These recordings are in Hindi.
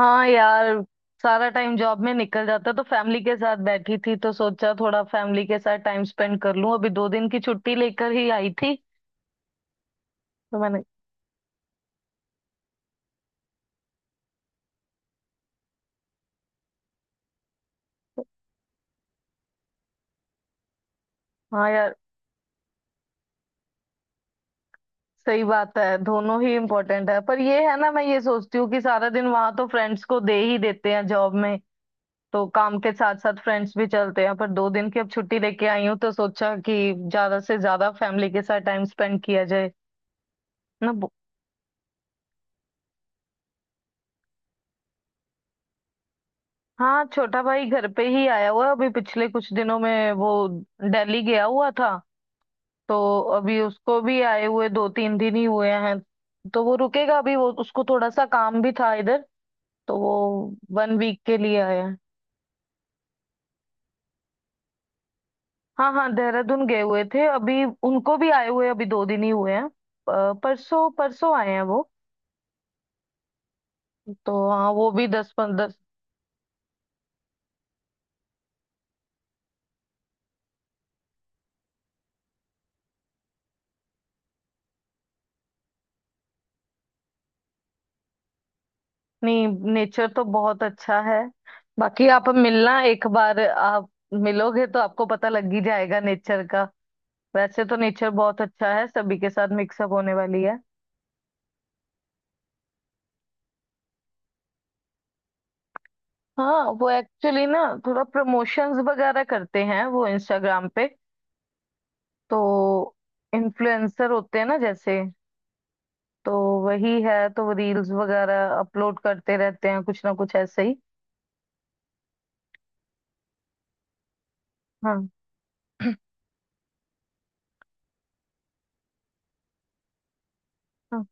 हाँ यार। सारा टाइम जॉब में निकल जाता तो फैमिली के साथ बैठी थी, तो सोचा थोड़ा फैमिली के साथ टाइम स्पेंड कर लूं। अभी 2 दिन की छुट्टी लेकर ही आई थी। तो मैंने। हाँ यार। सही बात है। दोनों ही इम्पोर्टेंट है पर ये है ना, मैं ये सोचती हूँ कि सारा दिन वहां तो फ्रेंड्स को दे ही देते हैं जॉब में। तो काम के साथ साथ फ्रेंड्स भी चलते हैं, पर दो दिन की अब छुट्टी लेके आई हूँ तो सोचा कि ज्यादा से ज्यादा फैमिली के साथ टाइम स्पेंड किया जाए ना। हाँ, छोटा भाई घर पे ही आया हुआ है। अभी पिछले कुछ दिनों में वो दिल्ली गया हुआ था। तो अभी उसको भी आए हुए 2-3 दिन ही हुए हैं। तो वो रुकेगा अभी, वो उसको थोड़ा सा काम भी था इधर। तो वो 1 week के लिए आया है। हाँ हाँ, देहरादून गए हुए थे, अभी उनको भी आए हुए अभी 2 दिन ही हुए हैं। परसों परसों आए हैं वो। तो हाँ वो भी 10-15। नहीं, नेचर तो बहुत अच्छा है। बाकी आप मिलना, एक बार आप मिलोगे तो आपको पता लग ही जाएगा नेचर का। वैसे तो नेचर बहुत अच्छा है, सभी के साथ मिक्सअप होने वाली है। हाँ, वो एक्चुअली ना थोड़ा प्रमोशंस वगैरह करते हैं वो, इंस्टाग्राम पे। तो इन्फ्लुएंसर होते हैं ना जैसे। तो वही है। तो वो रील्स वगैरह अपलोड करते रहते हैं, कुछ ना कुछ ऐसे ही। हाँ। हाँ।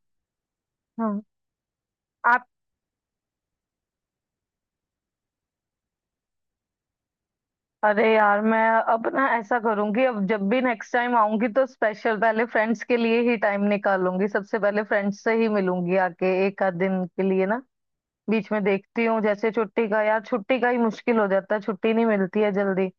हाँ। अरे यार, मैं अब ना ऐसा करूंगी। अब जब भी नेक्स्ट टाइम आऊंगी तो स्पेशल पहले फ्रेंड्स के लिए ही टाइम निकालूंगी, सबसे पहले फ्रेंड्स से ही मिलूंगी आके एक आध दिन के लिए ना। बीच में देखती हूँ जैसे छुट्टी का, यार छुट्टी का ही मुश्किल हो जाता है, छुट्टी नहीं मिलती है जल्दी।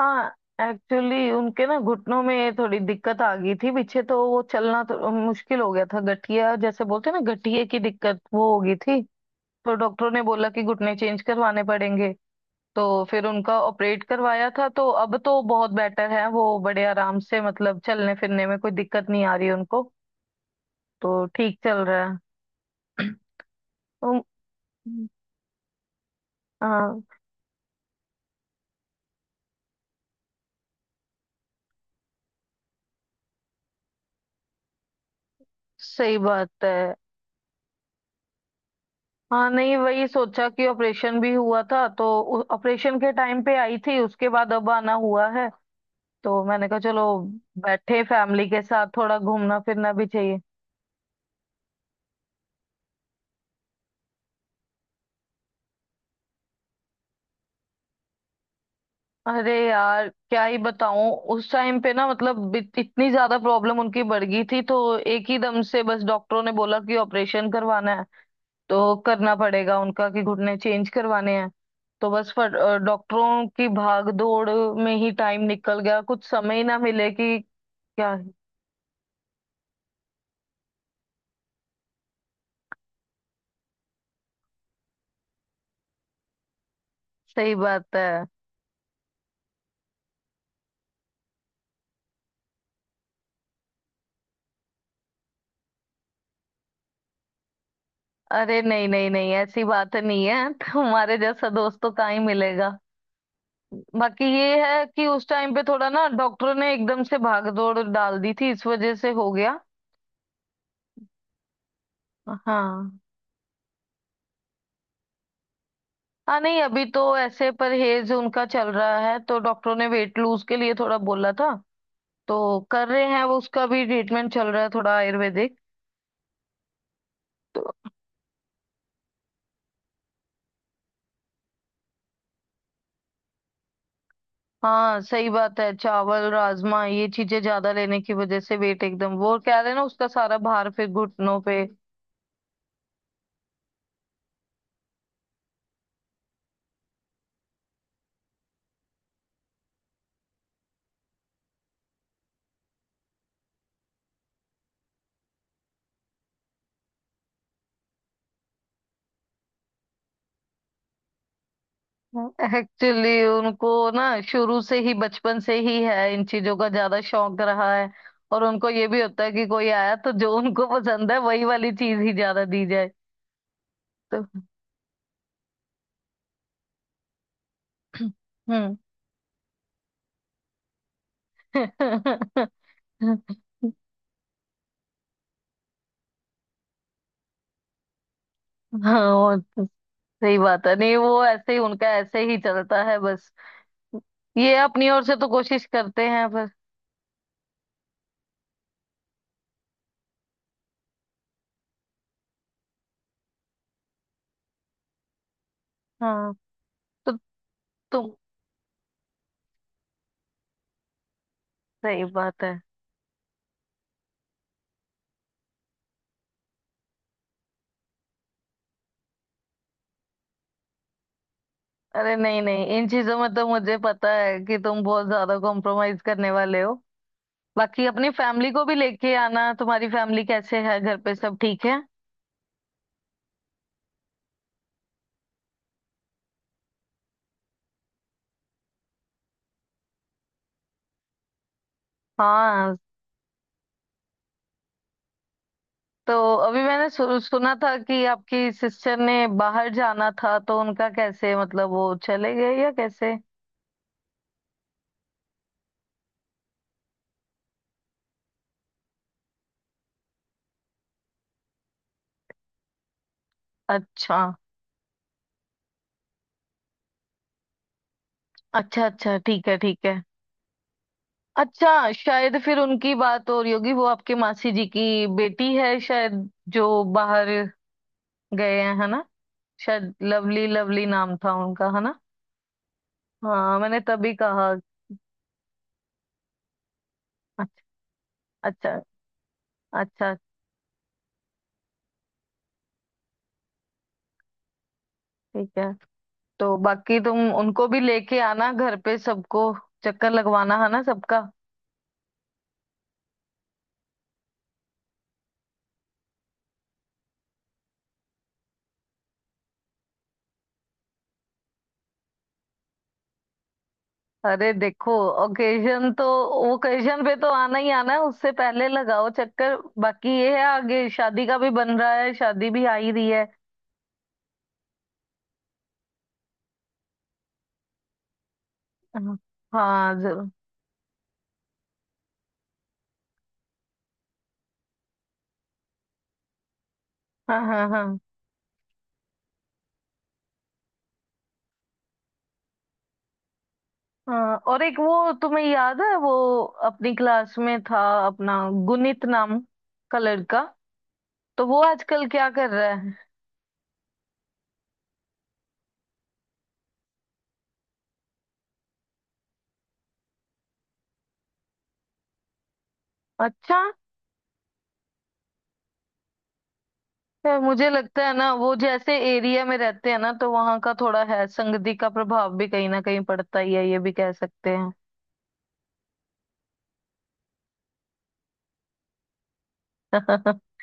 हाँ, एक्चुअली उनके ना घुटनों में थोड़ी दिक्कत आ गई थी पीछे, तो वो चलना तो मुश्किल हो गया था। गठिया जैसे बोलते हैं ना, गठिए की दिक्कत वो हो गई थी। तो डॉक्टरों ने बोला कि घुटने चेंज करवाने पड़ेंगे। तो फिर उनका ऑपरेट करवाया था, तो अब तो बहुत बेटर है वो, बड़े आराम से, मतलब चलने फिरने में कोई दिक्कत नहीं आ रही उनको। तो ठीक चल रहा है। तो हाँ सही बात है। हाँ नहीं, वही सोचा कि ऑपरेशन भी हुआ था तो। ऑपरेशन के टाइम पे आई थी, उसके बाद अब आना हुआ है। तो मैंने कहा चलो बैठे फैमिली के साथ, थोड़ा घूमना फिरना भी चाहिए। अरे यार, क्या ही बताऊं। उस टाइम पे ना मतलब इतनी ज्यादा प्रॉब्लम उनकी बढ़ गई थी, तो एक ही दम से बस डॉक्टरों ने बोला कि ऑपरेशन करवाना है, तो करना पड़ेगा उनका, कि घुटने चेंज करवाने हैं। तो बस डॉक्टरों की भाग दौड़ में ही टाइम निकल गया। कुछ समय ही ना मिले कि क्या। सही बात है। अरे नहीं नहीं नहीं, ऐसी बात नहीं है। तुम्हारे जैसा दोस्त तो कहाँ ही मिलेगा। बाकी ये है कि उस टाइम पे थोड़ा ना डॉक्टरों ने एकदम से भाग दौड़ डाल दी थी, इस वजह से हो गया। हाँ हाँ। नहीं, अभी तो ऐसे परहेज उनका चल रहा है, तो डॉक्टरों ने वेट लूज के लिए थोड़ा बोला था, तो कर रहे हैं वो। उसका भी ट्रीटमेंट चल रहा है, थोड़ा आयुर्वेदिक। तो हाँ, सही बात है। चावल राजमा, ये चीजें ज्यादा लेने की वजह से वेट एकदम, वो कह रहे हैं ना, उसका सारा भार फिर घुटनों पे। एक्चुअली उनको ना शुरू से ही बचपन से ही है, इन चीजों का ज्यादा शौक रहा है। और उनको ये भी होता है कि कोई आया तो जो उनको पसंद है वही वाली चीज ही ज्यादा दी जाए। तो हम्म। हाँ, वो तो सही बात है। नहीं वो ऐसे ही उनका, ऐसे ही चलता है बस। ये अपनी ओर से तो कोशिश करते हैं पर। हाँ। तो तुम। सही बात है। अरे नहीं नहीं, इन चीजों में तो मुझे पता है कि तुम बहुत ज्यादा कॉम्प्रोमाइज करने वाले हो। बाकी अपनी फैमिली को भी लेके आना, तुम्हारी फैमिली कैसे है, घर पे सब ठीक है? हाँ, तो अभी मैंने सुना था कि आपकी सिस्टर ने बाहर जाना था, तो उनका कैसे, मतलब वो चले गए या कैसे? अच्छा अच्छा अच्छा, ठीक है ठीक है। अच्छा शायद फिर उनकी बात हो रही होगी, वो आपके मासी जी की बेटी है शायद, जो बाहर गए हैं, है ना। शायद लवली, लवली नाम था उनका, है ना। हाँ, मैंने तभी कहा। अच्छा अच्छा अच्छा ठीक है। तो बाकी तुम उनको भी लेके आना घर पे, सबको चक्कर लगवाना है ना सबका। अरे देखो, ओकेजन तो, ओकेजन पे तो आना ही आना है, उससे पहले लगाओ चक्कर। बाकी ये है, आगे शादी का भी बन रहा है, शादी भी आ ही रही है। हाँ हाँ, जरूर। हाँ हाँ हाँ हाँ। और एक, वो तुम्हें याद है वो अपनी क्लास में था, अपना गुनीत नाम का लड़का, तो वो आजकल क्या कर रहा है? अच्छा। है, मुझे लगता है ना वो जैसे एरिया में रहते हैं ना, तो वहां का थोड़ा है, संगति का प्रभाव भी कहीं ना कहीं पड़ता ही है, ये भी कह सकते हैं।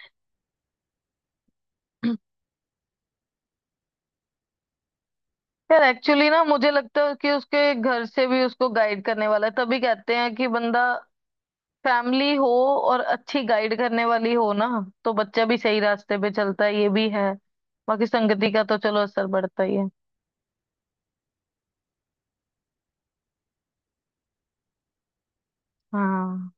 यार, एक्चुअली ना मुझे लगता है कि उसके घर से भी उसको गाइड करने वाला है। तभी कहते हैं कि बंदा फैमिली हो और अच्छी गाइड करने वाली हो ना, तो बच्चा भी सही रास्ते पे चलता है, ये भी है। बाकी संगति का तो चलो असर पड़ता ही है। हाँ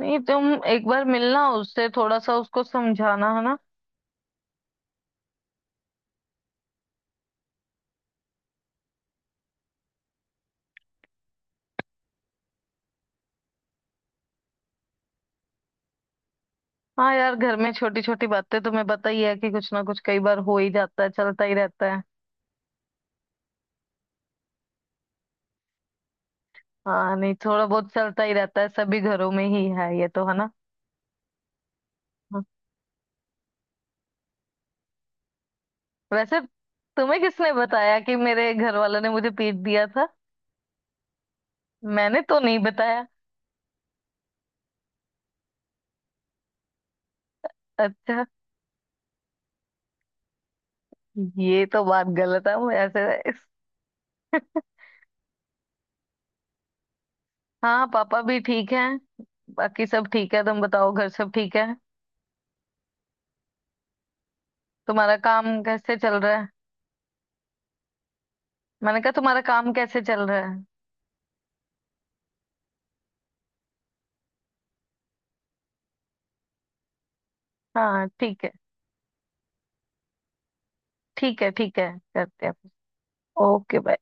नहीं, तुम एक बार मिलना उससे, थोड़ा सा उसको समझाना है ना। हाँ यार, घर में छोटी छोटी बातें तुम्हें पता ही है कि कुछ ना कुछ कई बार हो ही जाता है, चलता ही रहता है। हाँ नहीं, थोड़ा बहुत चलता ही रहता है, सभी घरों में ही है ये तो, है ना। हाँ। वैसे तुम्हें किसने बताया कि मेरे घर वालों ने मुझे पीट दिया था? मैंने तो नहीं बताया। अच्छा, ये तो बात गलत है, वो ऐसे। हाँ, पापा भी ठीक है, बाकी सब ठीक है। तुम बताओ, घर सब ठीक है? तुम्हारा काम कैसे चल रहा है? मैंने कहा तुम्हारा काम कैसे चल रहा है? हाँ, ठीक है, ठीक है, ठीक है, करते हैं। Okay bye.